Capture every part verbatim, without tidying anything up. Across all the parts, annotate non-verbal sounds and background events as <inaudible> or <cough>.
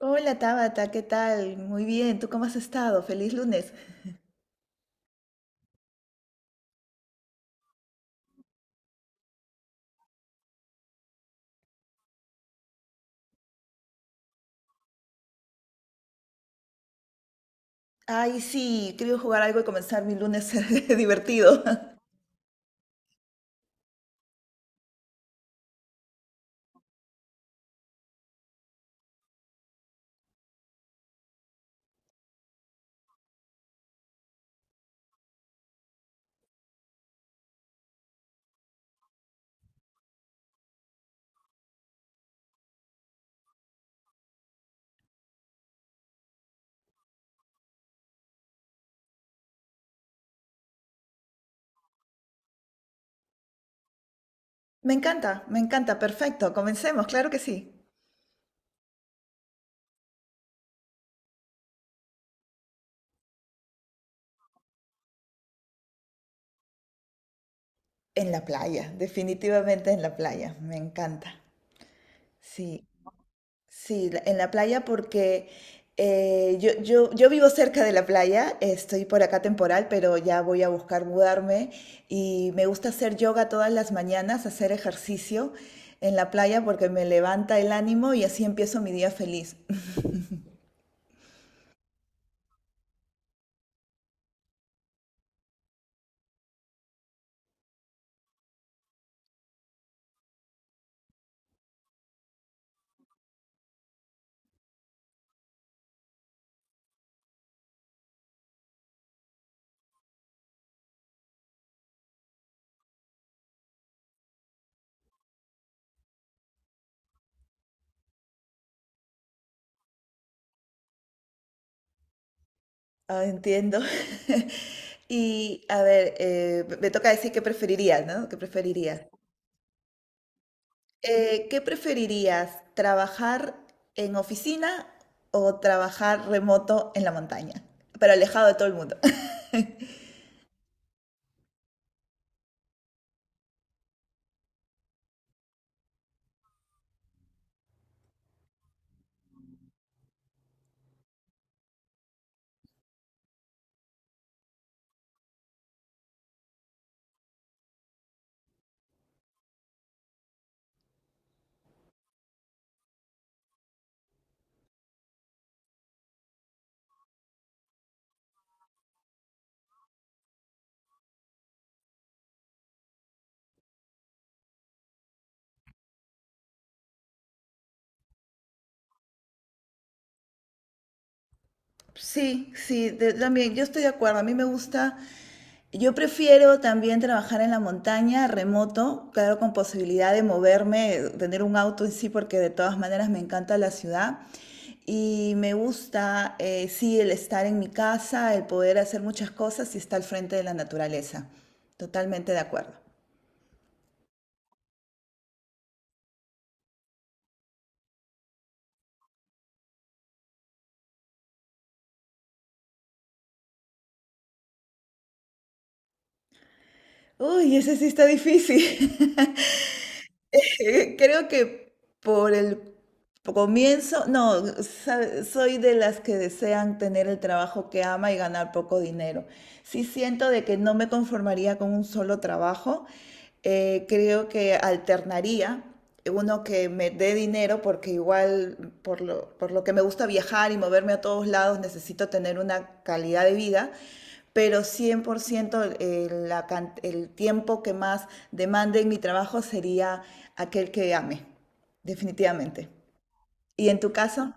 Hola Tabata, ¿qué tal? Muy bien, ¿tú cómo has estado? Feliz lunes. Ay, sí, quiero jugar algo y comenzar mi lunes <laughs> divertido. Me encanta, me encanta, perfecto, comencemos, claro que sí. En la playa, definitivamente en la playa, me encanta. Sí. Sí, la- en la playa porque eh, yo, yo, yo vivo cerca de la playa, estoy por acá temporal, pero ya voy a buscar mudarme y me gusta hacer yoga todas las mañanas, hacer ejercicio en la playa porque me levanta el ánimo y así empiezo mi día feliz. Ah, entiendo. <laughs> Y a ver, eh, me toca decir qué preferirías, ¿no? ¿Qué preferirías? Eh, ¿qué preferirías, trabajar en oficina o trabajar remoto en la montaña, pero alejado de todo el mundo? <laughs> Sí, sí, de- también yo estoy de acuerdo. A mí me gusta, yo prefiero también trabajar en la montaña, remoto, claro, con posibilidad de moverme, tener un auto en sí, porque de todas maneras me encanta la ciudad. Y me gusta, eh, sí, el estar en mi casa, el poder hacer muchas cosas y estar al frente de la naturaleza. Totalmente de acuerdo. Uy, ese sí está difícil. <laughs> Eh, Creo que por el comienzo, no, sa- soy de las que desean tener el trabajo que ama y ganar poco dinero. Sí siento de que no me conformaría con un solo trabajo. eh, creo que alternaría uno que me dé dinero porque igual por lo, por lo que me gusta viajar y moverme a todos lados necesito tener una calidad de vida, pero cien por ciento el, la el tiempo que más demande en mi trabajo sería aquel que ame, definitivamente. ¿Y en tu caso?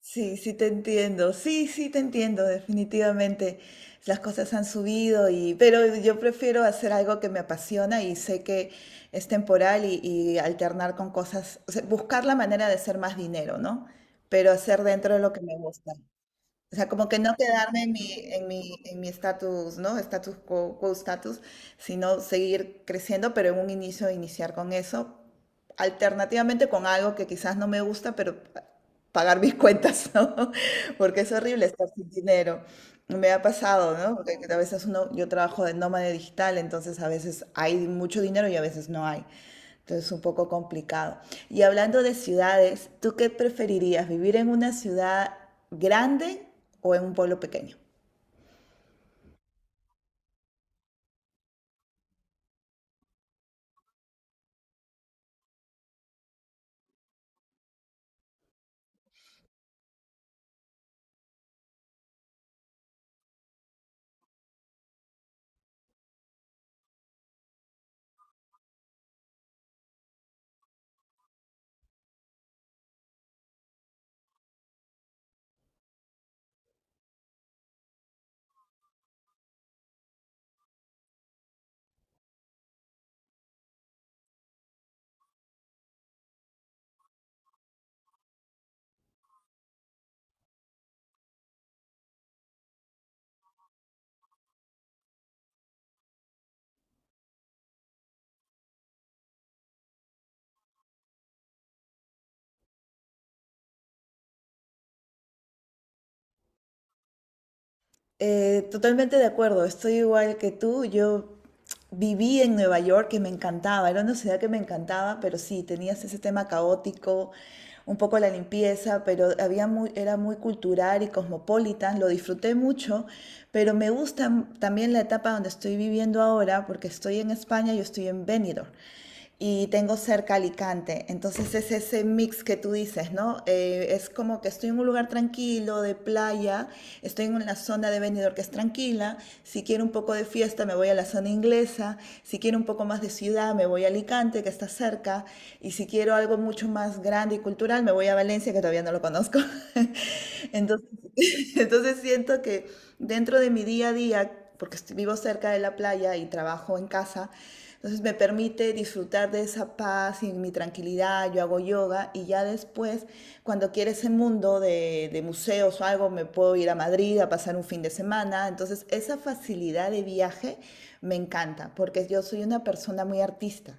Sí, sí te entiendo, sí, sí te entiendo, definitivamente. Las cosas han subido y, pero yo prefiero hacer algo que me apasiona y sé que es temporal y, y alternar con cosas, o sea, buscar la manera de hacer más dinero, ¿no? Pero hacer dentro de lo que me gusta. O sea, como que no quedarme en mi, en mi, en mi status, ¿no? Status quo, quo status, sino seguir creciendo, pero en un inicio iniciar con eso, alternativamente con algo que quizás no me gusta, pero pa- pagar mis cuentas, ¿no? <laughs> Porque es horrible estar sin dinero. Me ha pasado, ¿no? Porque a veces uno, yo trabajo de nómada digital, entonces a veces hay mucho dinero y a veces no hay. Entonces, es un poco complicado. Y hablando de ciudades, ¿tú qué preferirías? ¿Vivir en una ciudad grande o en un pueblo pequeño? Eh, totalmente de acuerdo, estoy igual que tú. Yo viví en Nueva York, que me encantaba, era una ciudad que me encantaba, pero sí, tenías ese tema caótico, un poco la limpieza, pero había muy, era muy cultural y cosmopolitan, lo disfruté mucho, pero me gusta también la etapa donde estoy viviendo ahora, porque estoy en España, yo estoy en Benidorm. Y tengo cerca Alicante. Entonces es ese mix que tú dices, ¿no? Eh, es como que estoy en un lugar tranquilo, de playa, estoy en una zona de Benidorm que es tranquila, si quiero un poco de fiesta me voy a la zona inglesa, si quiero un poco más de ciudad me voy a Alicante, que está cerca, y si quiero algo mucho más grande y cultural me voy a Valencia, que todavía no lo conozco. <laughs> Entonces, <laughs> entonces siento que dentro de mi día a día, porque estoy- vivo cerca de la playa y trabajo en casa, entonces me permite disfrutar de esa paz y mi tranquilidad, yo hago yoga y ya después, cuando quiero ese mundo de, de museos o algo, me puedo ir a Madrid a pasar un fin de semana. Entonces esa facilidad de viaje me encanta, porque yo soy una persona muy artista.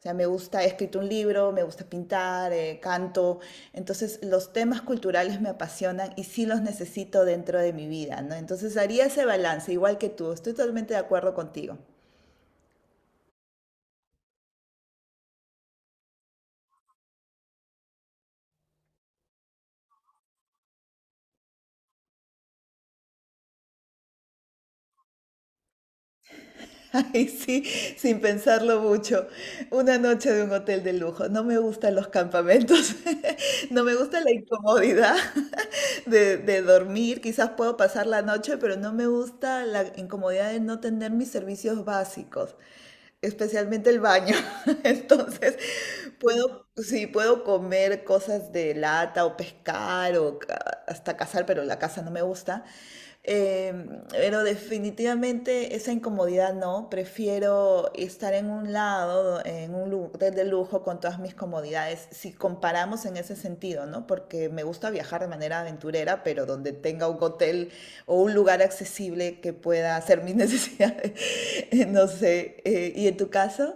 O sea, me gusta, he escrito un libro, me gusta pintar, eh, canto. Entonces, los temas culturales me apasionan y sí los necesito dentro de mi vida, ¿no? Entonces, haría ese balance, igual que tú. Estoy totalmente de acuerdo contigo. <laughs> Ay, sí, sin pensarlo mucho. Una noche de un hotel de lujo. No me gustan los campamentos. <laughs> No me gusta la incomodidad <laughs> de, de dormir. Quizás puedo pasar la noche, pero no me gusta la incomodidad de no tener mis servicios básicos, especialmente el baño. <laughs> Entonces, puedo, sí, puedo comer cosas de lata o pescar o ca- hasta cazar, pero la caza no me gusta. Em, pero definitivamente esa incomodidad no, prefiero estar en en un lado, en un lu- hotel de lujo con todas mis comodidades, si comparamos en ese sentido, ¿no? Porque me gusta viajar de manera aventurera, pero donde tenga un hotel o un lugar accesible que pueda hacer mis <laughs> necesidades, no sé. Eh, ¿y en tu caso?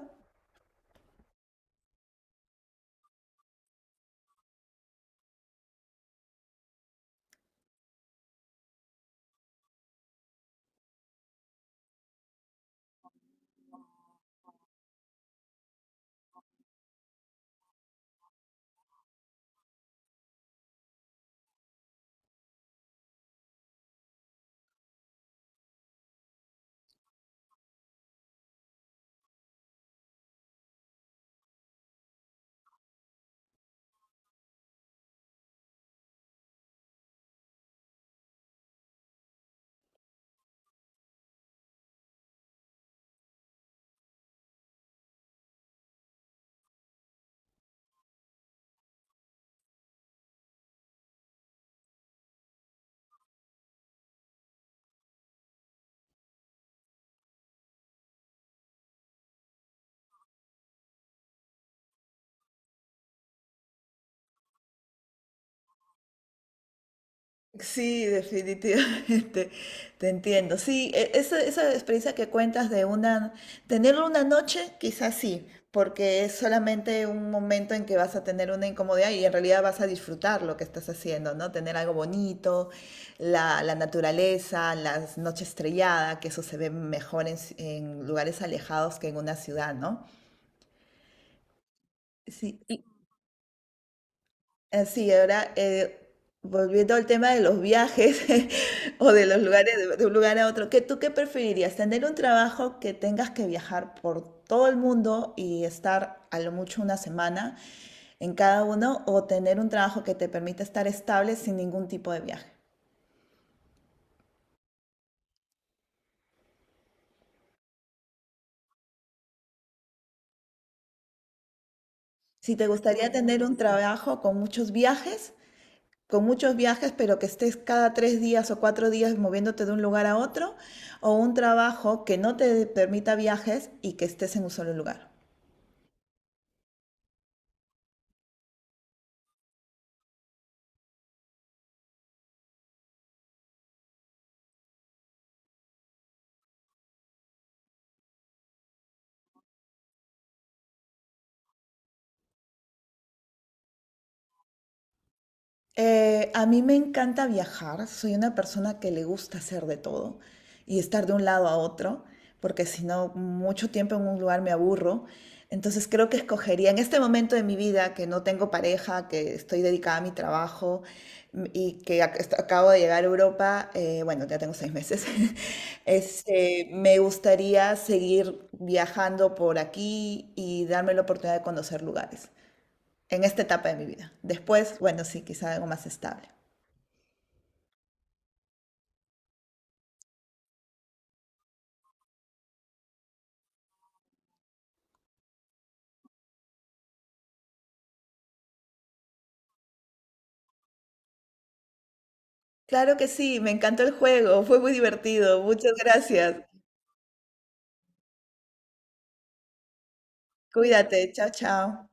Sí, definitivamente, <laughs> te entiendo. Sí, e- esa, esa experiencia que cuentas de una, tenerlo una noche, quizás sí, porque es solamente un momento en que vas a tener una incomodidad y en realidad vas a disfrutar lo que estás haciendo, ¿no? Tener algo bonito, la, la naturaleza, las noches estrelladas, que eso se ve mejor en, ci- en lugares alejados que en una ciudad, ¿no? Sí. Así, ahora eh, volviendo al tema de los viajes <laughs> o de los lugares, de, de un lugar a otro, ¿qué, tú qué preferirías? ¿Tener un trabajo que tengas que viajar por todo el mundo y estar a lo mucho una semana en cada uno, o tener un trabajo que te permita estar estable sin ningún tipo de viaje? Si te gustaría tener un trabajo con muchos viajes, con muchos viajes, pero que estés cada tres días o cuatro días moviéndote de un lugar a otro, o un trabajo que no te permita viajes y que estés en un solo lugar. Eh, a mí me encanta viajar, soy una persona que le gusta hacer de todo y estar de un lado a otro, porque si no, mucho tiempo en un lugar me aburro. Entonces creo que escogería en este momento de mi vida que no tengo pareja, que estoy dedicada a mi trabajo, mm, y que ac- est- acabo de llegar a Europa, eh, bueno, ya tengo seis meses, <laughs> este, me gustaría seguir viajando por aquí y darme la oportunidad de conocer lugares en esta etapa de mi vida. Después, bueno, sí, quizá algo más estable. Claro que sí, me encantó el juego, fue muy divertido. Muchas gracias. Cuídate, chao, chao.